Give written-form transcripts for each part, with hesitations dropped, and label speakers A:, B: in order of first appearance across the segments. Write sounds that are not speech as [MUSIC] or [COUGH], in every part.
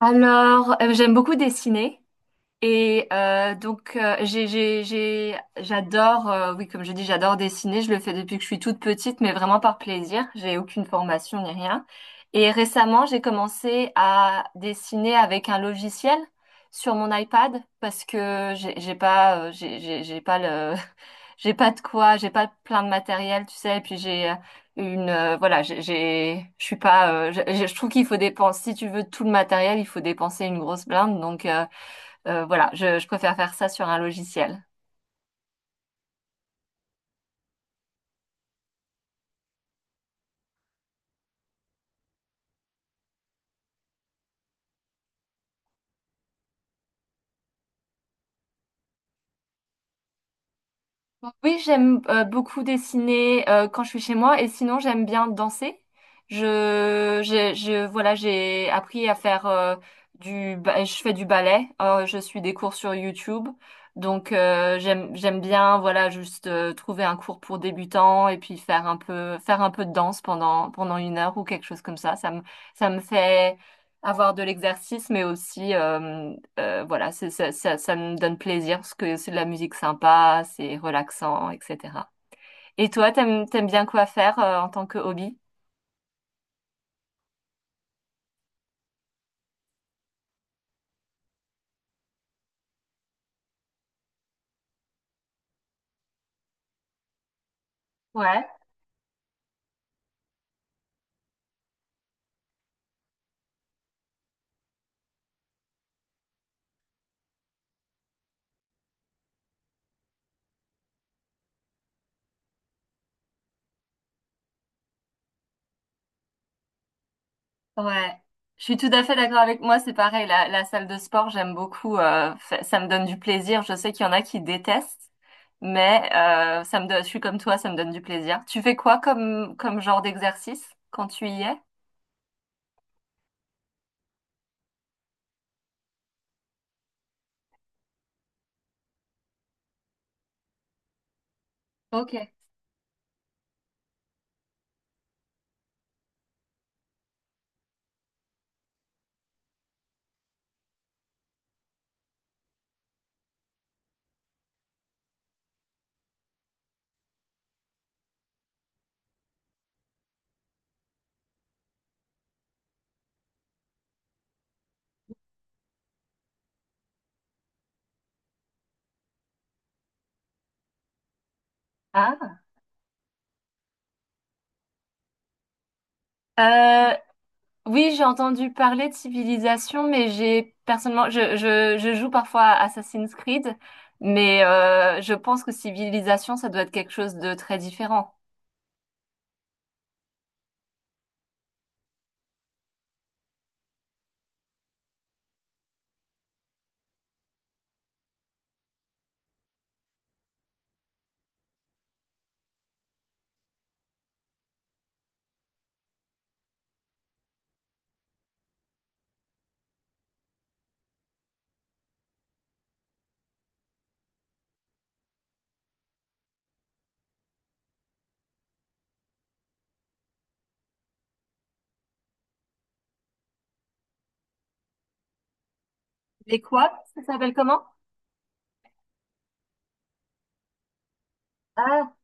A: Alors, j'aime beaucoup dessiner. Et donc j'adore, oui, comme je dis, j'adore dessiner. Je le fais depuis que je suis toute petite, mais vraiment par plaisir, j'ai aucune formation ni rien. Et récemment, j'ai commencé à dessiner avec un logiciel sur mon iPad parce que j'ai pas le... [LAUGHS] j'ai pas plein de matériel, tu sais. Et puis j'ai une je suis pas je trouve qu'il faut dépenser, si tu veux tout le matériel il faut dépenser une grosse blinde. Donc voilà, je préfère faire ça sur un logiciel. Oui, j'aime beaucoup dessiner quand je suis chez moi, et sinon j'aime bien danser. Voilà, j'ai appris à faire je fais du ballet. Je suis des cours sur YouTube, donc j'aime bien, voilà, juste trouver un cours pour débutants, et puis faire un peu de danse pendant une heure ou quelque chose comme ça. Ça me fait avoir de l'exercice, mais aussi voilà, ça me donne plaisir parce que c'est de la musique sympa, c'est relaxant, etc. Et toi, t'aimes bien quoi faire en tant que hobby? Ouais, ouais. Je suis tout à fait d'accord. Avec moi, c'est pareil, la salle de sport, j'aime beaucoup, ça me donne du plaisir. Je sais qu'il y en a qui détestent, mais je suis comme toi, ça me donne du plaisir. Tu fais quoi comme genre d'exercice quand tu y es? Ok. Ah. Oui, j'ai entendu parler de civilisation, mais j'ai personnellement, je joue parfois à Assassin's Creed, mais je pense que civilisation, ça doit être quelque chose de très différent. Et quoi? Ça s'appelle comment? Ah,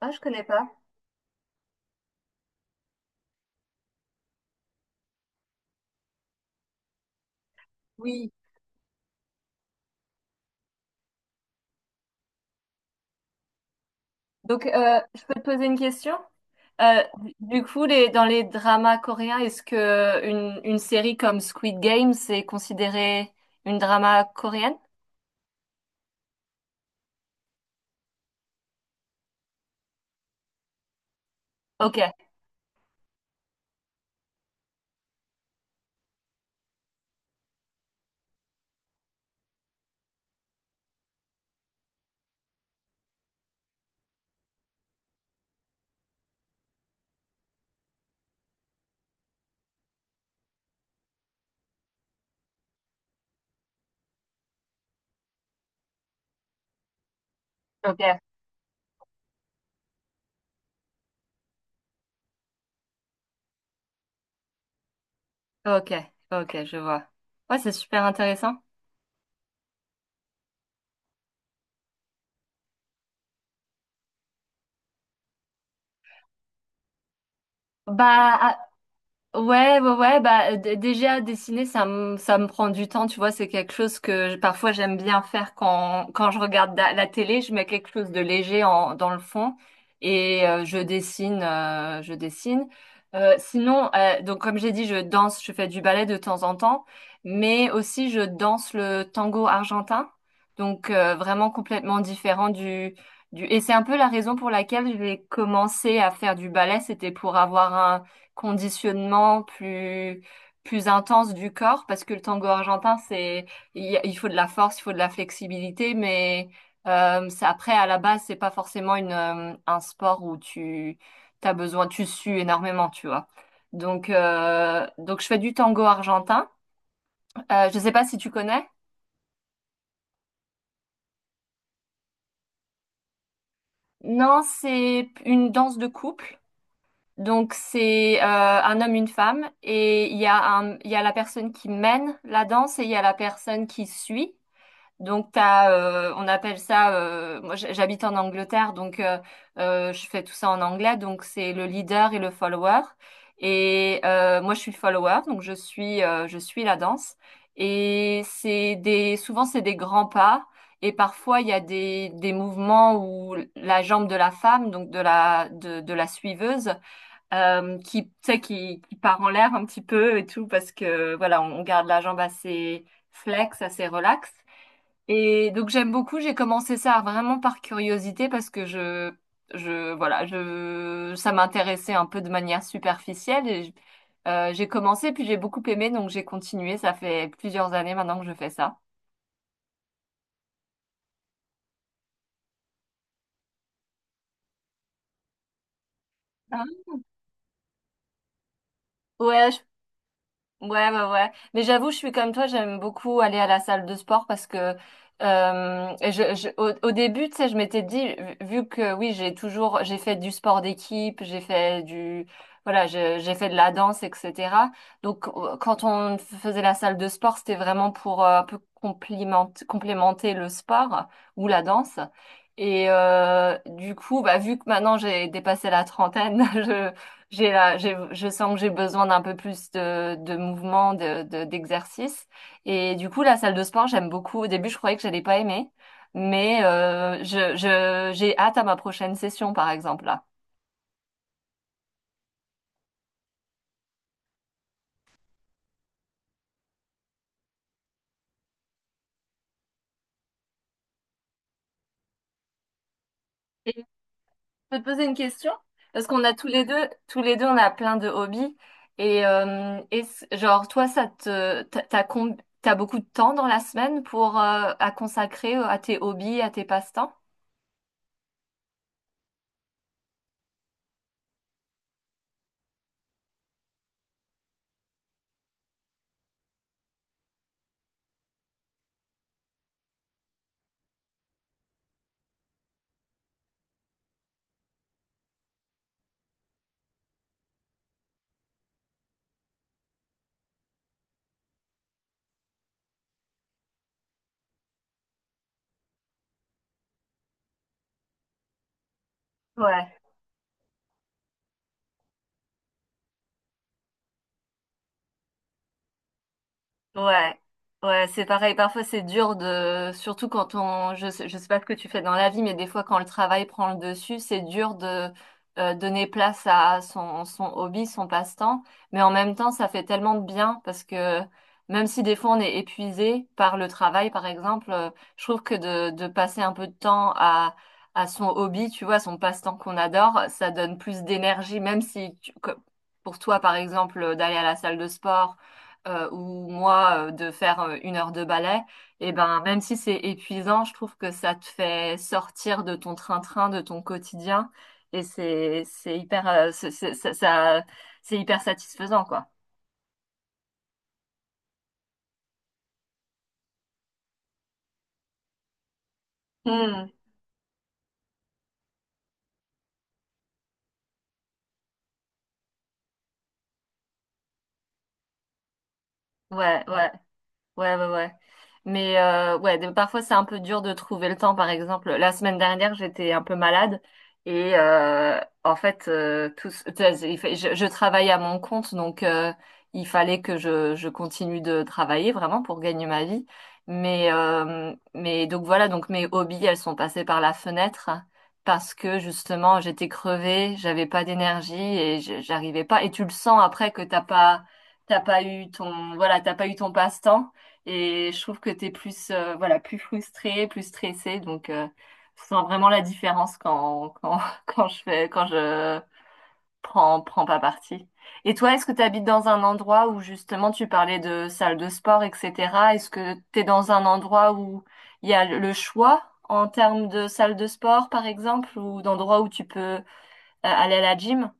A: ah, je connais pas. Oui. Donc, je peux te poser une question? Euh, du coup, dans les dramas coréens, est-ce que une série comme Squid Game, c'est considéré une drama coréenne? Ok, ok, ok, ok, je vois. Ouais, c'est super intéressant. Bah, ah, ouais, ouais, ouais, bah déjà, dessiner, ça me prend du temps, tu vois, c'est quelque chose que parfois j'aime bien faire quand je regarde la télé, je mets quelque chose de léger en dans le fond, et je dessine, Sinon donc comme j'ai dit, je danse, je fais du ballet de temps en temps, mais aussi je danse le tango argentin. Donc vraiment complètement différent du et c'est un peu la raison pour laquelle j'ai commencé à faire du ballet, c'était pour avoir conditionnement plus intense du corps, parce que le tango argentin, c'est... il faut de la force, il faut de la flexibilité, mais après, à la base, c'est pas forcément une un sport où tu t'as besoin, tu sues énormément, tu vois. Donc je fais du tango argentin. Je sais pas si tu connais. Non, c'est une danse de couple. Donc c'est un homme, une femme, et il y a il y a la personne qui mène la danse, et il y a la personne qui suit. On appelle ça, moi j'habite en Angleterre, donc je fais tout ça en anglais, donc c'est le leader et le follower. Et moi je suis follower, donc je suis la danse. Et souvent c'est des grands pas, et parfois il y a des mouvements où la jambe de la femme, donc de la suiveuse, tu sais, qui part en l'air un petit peu et tout, parce que voilà, on garde la jambe assez flex, assez relax. Et donc j'aime beaucoup, j'ai commencé ça vraiment par curiosité parce que je voilà, je ça m'intéressait un peu de manière superficielle, et j'ai commencé puis j'ai beaucoup aimé, donc j'ai continué. Ça fait plusieurs années maintenant que je fais ça. Ah. Ouais, je... Ouais, ouais, ouais. Mais j'avoue, je suis comme toi, j'aime beaucoup aller à la salle de sport parce que au début, tu sais, je m'étais dit, vu que oui, j'ai fait du sport d'équipe, voilà, j'ai fait de la danse, etc. Donc, quand on faisait la salle de sport, c'était vraiment pour un peu complémenter le sport ou la danse. Et du coup, bah, vu que maintenant j'ai dépassé la trentaine... [LAUGHS] Je sens que j'ai besoin d'un peu plus de mouvement, d'exercice. Et du coup, la salle de sport, j'aime beaucoup. Au début, je croyais que j'allais pas aimer, mais j'ai hâte à ma prochaine session, par exemple, là. Et je peux te poser une question? Parce qu'on a tous les deux, on a plein de hobbies. Et genre, toi, ça te, t'as, t'as com- t'as beaucoup de temps dans la semaine pour à consacrer à tes hobbies, à tes passe-temps? Ouais. Ouais, ouais, c'est pareil. Parfois, c'est dur de... surtout quand on... je sais pas ce que tu fais dans la vie, mais des fois, quand le travail prend le dessus, c'est dur de donner place à son hobby, son passe-temps. Mais en même temps, ça fait tellement de bien parce que même si des fois on est épuisé par le travail, par exemple, je trouve que de passer un peu de temps à son hobby, tu vois, son passe-temps qu'on adore, ça donne plus d'énergie. Même si pour toi, par exemple, d'aller à la salle de sport, ou moi de faire une heure de ballet, et ben, même si c'est épuisant, je trouve que ça te fait sortir de ton train-train, de ton quotidien, et c'est hyper, c'est hyper satisfaisant, quoi. Hmm. Ouais, ouais. Ouais, ouais, ouais. Mais ouais, parfois c'est un peu dur de trouver le temps. Par exemple, la semaine dernière, j'étais un peu malade, et en fait, tu vois, je travaille à mon compte, donc il fallait que je continue de travailler vraiment pour gagner ma vie. Mais donc voilà, donc mes hobbies, elles sont passées par la fenêtre parce que justement, j'étais crevée, j'avais pas d'énergie, et j'arrivais pas. Et tu le sens, après, que t'as pas eu ton passe-temps. Et je trouve que tu es plus, voilà, plus frustré, plus stressé. Donc, je sens vraiment la différence [LAUGHS] quand je prends pas parti. Et toi, est-ce que tu habites dans un endroit où justement tu parlais de salle de sport, etc.? Est-ce que tu es dans un endroit où il y a le choix en termes de salle de sport, par exemple, ou d'endroits où tu peux aller à la gym?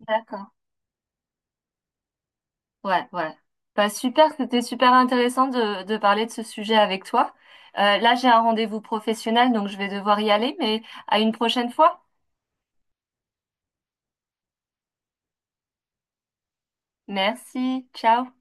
A: D'accord. Ouais, ouais. Bah, super, c'était super intéressant de parler de ce sujet avec toi. Là, j'ai un rendez-vous professionnel, donc je vais devoir y aller, mais à une prochaine fois. Merci, ciao.